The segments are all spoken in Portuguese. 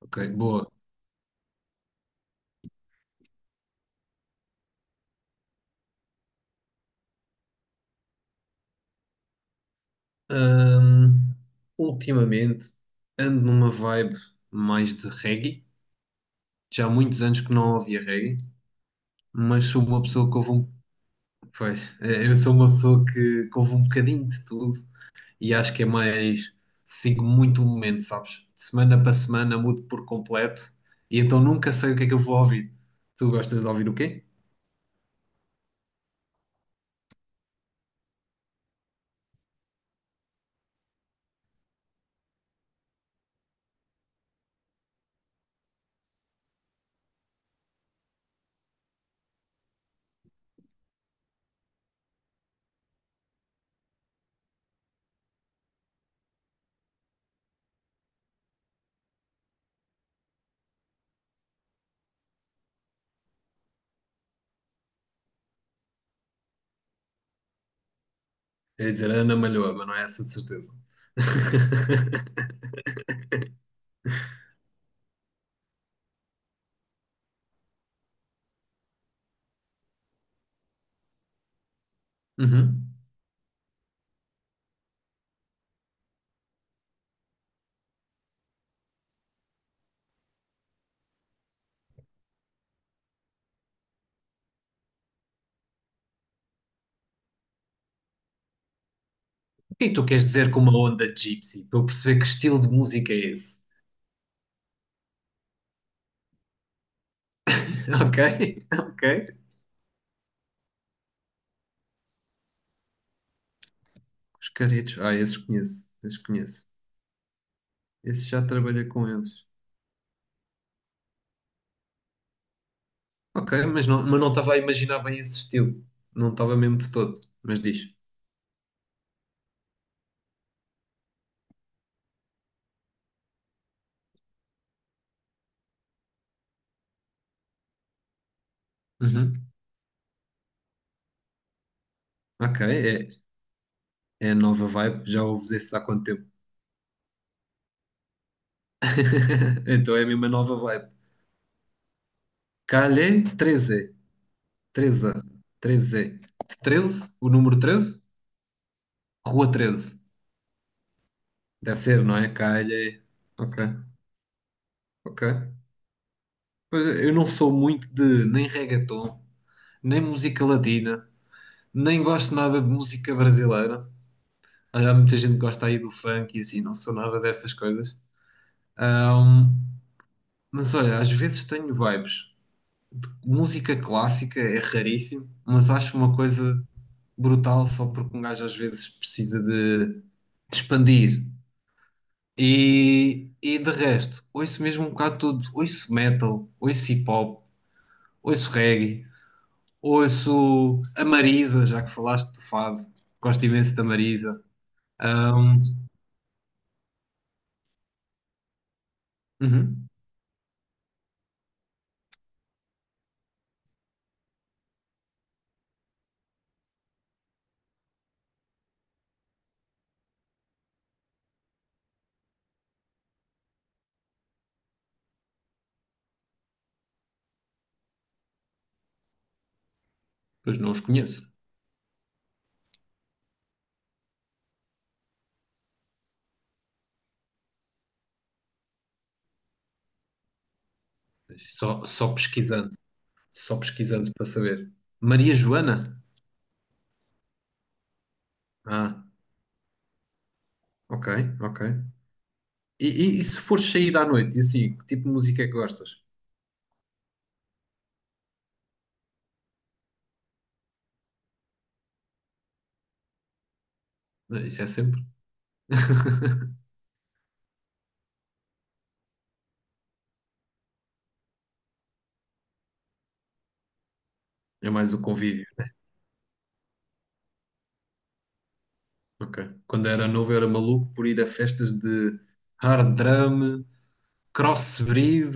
Ok, boa. Ahm, ultimamente ando numa vibe mais de reggae. Já há muitos anos que não ouvia reggae, mas sou uma pessoa que ouve um. Pois, eu sou uma pessoa que ouve um bocadinho de tudo e acho que é mais. Sigo muito o momento, sabes? De semana para semana mudo por completo e então nunca sei o que é que eu vou ouvir. Tu gostas de ouvir o quê? É dizer Ana Malhoa, mas não é essa de certeza. Uhum. O que é que tu queres dizer com uma onda gypsy? Para eu perceber que estilo de música é esse. Ok, ok. Os caretos. Ah, esses conheço. Esses conheço. Esses já trabalhei com eles. Ok, mas não estava a imaginar bem esse estilo. Não estava mesmo de todo. Mas diz. Uhum. Ok, é, é a nova vibe. Já ouves esses há quanto tempo? Então é mesmo a mesma nova vibe. Calhe 13, treze, treze, treze. O número 13? Rua 13? Deve ser, não é? Calhe. Ok, ok. Pois é, eu não sou muito de nem reggaeton, nem música latina, nem gosto nada de música brasileira. Olha, há muita gente que gosta aí do funk e assim, não sou nada dessas coisas. Ahm, mas olha, às vezes tenho vibes. Música clássica é raríssimo, mas acho uma coisa brutal só porque um gajo às vezes precisa de expandir. E de resto, ouço mesmo um bocado tudo. Ouço metal, ouço hip hop, ouço reggae. Ouço a Marisa, já que falaste do Fado, gosto imenso da Marisa. Ahm, uhum, pois não os conheço, mas só pesquisando, só pesquisando para saber. Maria Joana? Ah, ok, ok. E se fores sair à noite, e assim, que tipo de música é que gostas? Ah, isso é sempre, é mais o convívio. Ok. Quando era novo, eu era maluco por ir a festas de hard drum, crossbreed,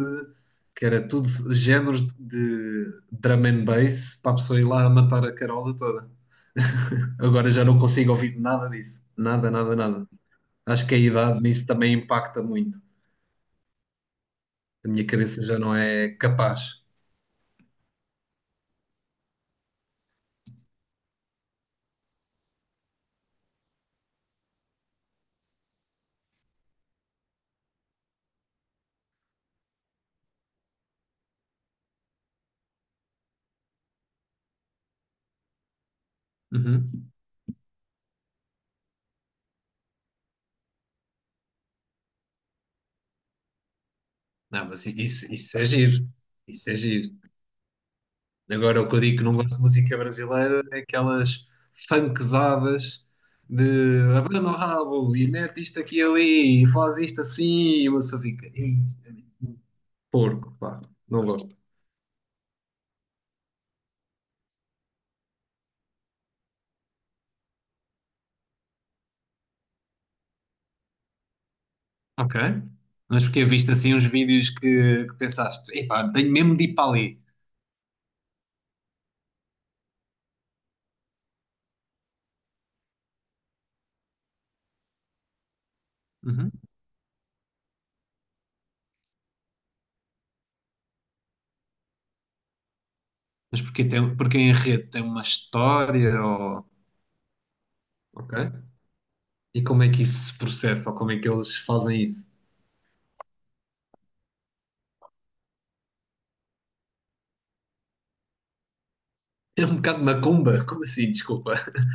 que era tudo géneros de drum and bass para a pessoa ir lá a matar a carola toda. Agora já não consigo ouvir nada disso. Nada, nada, nada. Acho que a idade nisso também impacta muito. A minha cabeça já não é capaz. Uhum. Não, mas isso é giro. Isso é giro. Agora, o que eu digo que não gosto de música brasileira é aquelas funkzadas de abana o rabo e mete isto aqui e ali e faz isto assim e uma pessoa fica, "Ei, isto é muito porco, pá, não gosto. Ok, mas porque viste assim uns vídeos que pensaste, epá, tenho mesmo de ir para ali. Uhum. Mas porque, tem, porque em rede tem uma história ou. Ok. E como é que isso se processa ou como é que eles fazem isso? É um bocado macumba, como assim, desculpa?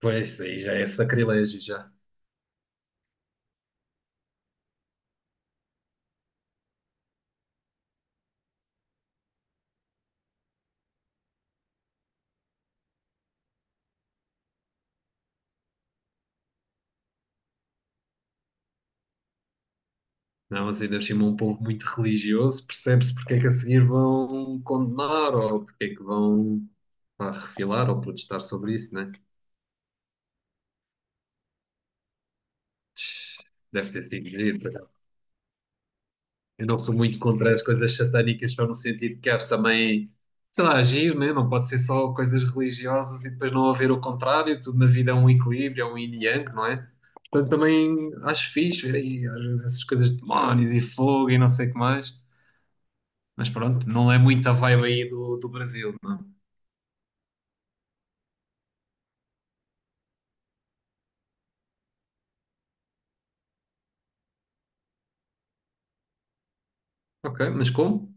Pois, aí já é sacrilégio já. Não, mas ainda por cima é um povo muito religioso, percebe-se porque é que a seguir vão condenar ou porque é que vão pá, refilar ou protestar sobre isso, né? Deve ter sido giro, por acaso. Eu não sou muito contra as coisas satânicas, só no sentido que acho também, sei lá, agir, né? Não pode ser só coisas religiosas e depois não haver o contrário, tudo na vida é um equilíbrio, é um yin e yang, não é? Portanto, também acho fixe ver aí, às vezes, essas coisas de demónios e fogo e não sei o que mais. Mas pronto, não é muito a vibe aí do Brasil, não é? Ok, mas como?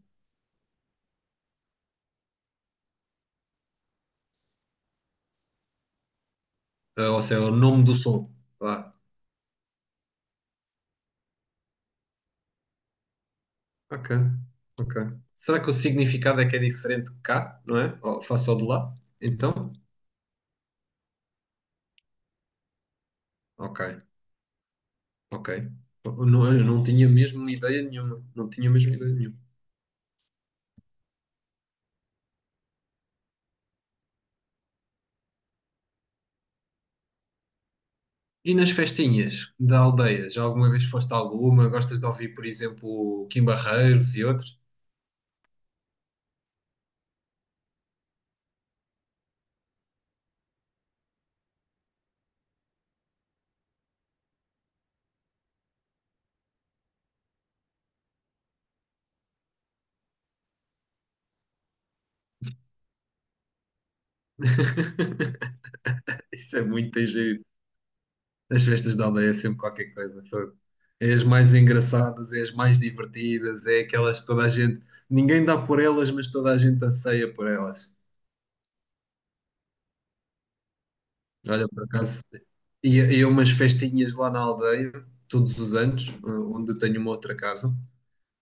Ah, ou seja, é o nome do som. Lá. Ok, ok. Será que o significado é que é diferente de cá, não é? Ou face ao de lá? Então? Ok, ok. Eu não tinha mesmo ideia nenhuma. Não tinha mesmo ideia nenhuma. E nas festinhas da aldeia? Já alguma vez foste a alguma? Gostas de ouvir, por exemplo, Kim Barreiros e outros? Isso é muito giro. As festas da aldeia é sempre qualquer coisa. Fogo. É as mais engraçadas, é as mais divertidas, é aquelas que toda a gente. Ninguém dá por elas, mas toda a gente anseia por elas. Olha, por acaso, ia a umas festinhas lá na aldeia, todos os anos, onde eu tenho uma outra casa.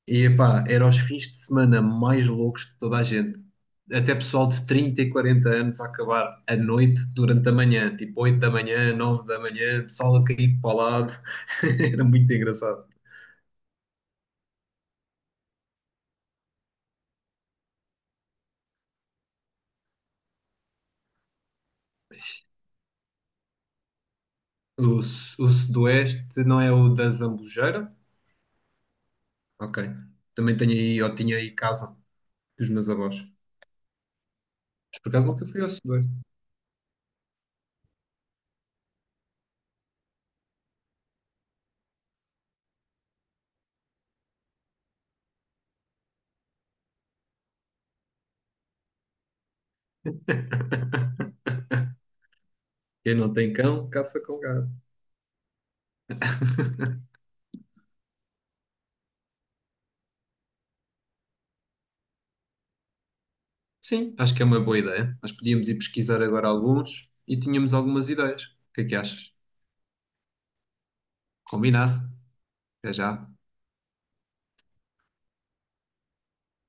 E epá, eram os fins de semana mais loucos de toda a gente. Até pessoal de 30 e 40 anos a acabar à noite durante a manhã, tipo 8 da manhã, 9 da manhã, pessoal a cair para o lado. Era muito engraçado. O sudoeste não é o da Zambujeira? Ok. Também tenho aí, eu tinha aí casa dos meus avós. Mas por acaso nunca fui ao sudoeste. Quem não tem cão, caça com gato. Sim, acho que é uma boa ideia. Nós podíamos ir pesquisar agora alguns e tínhamos algumas ideias. O que é que achas? Combinado. Até já.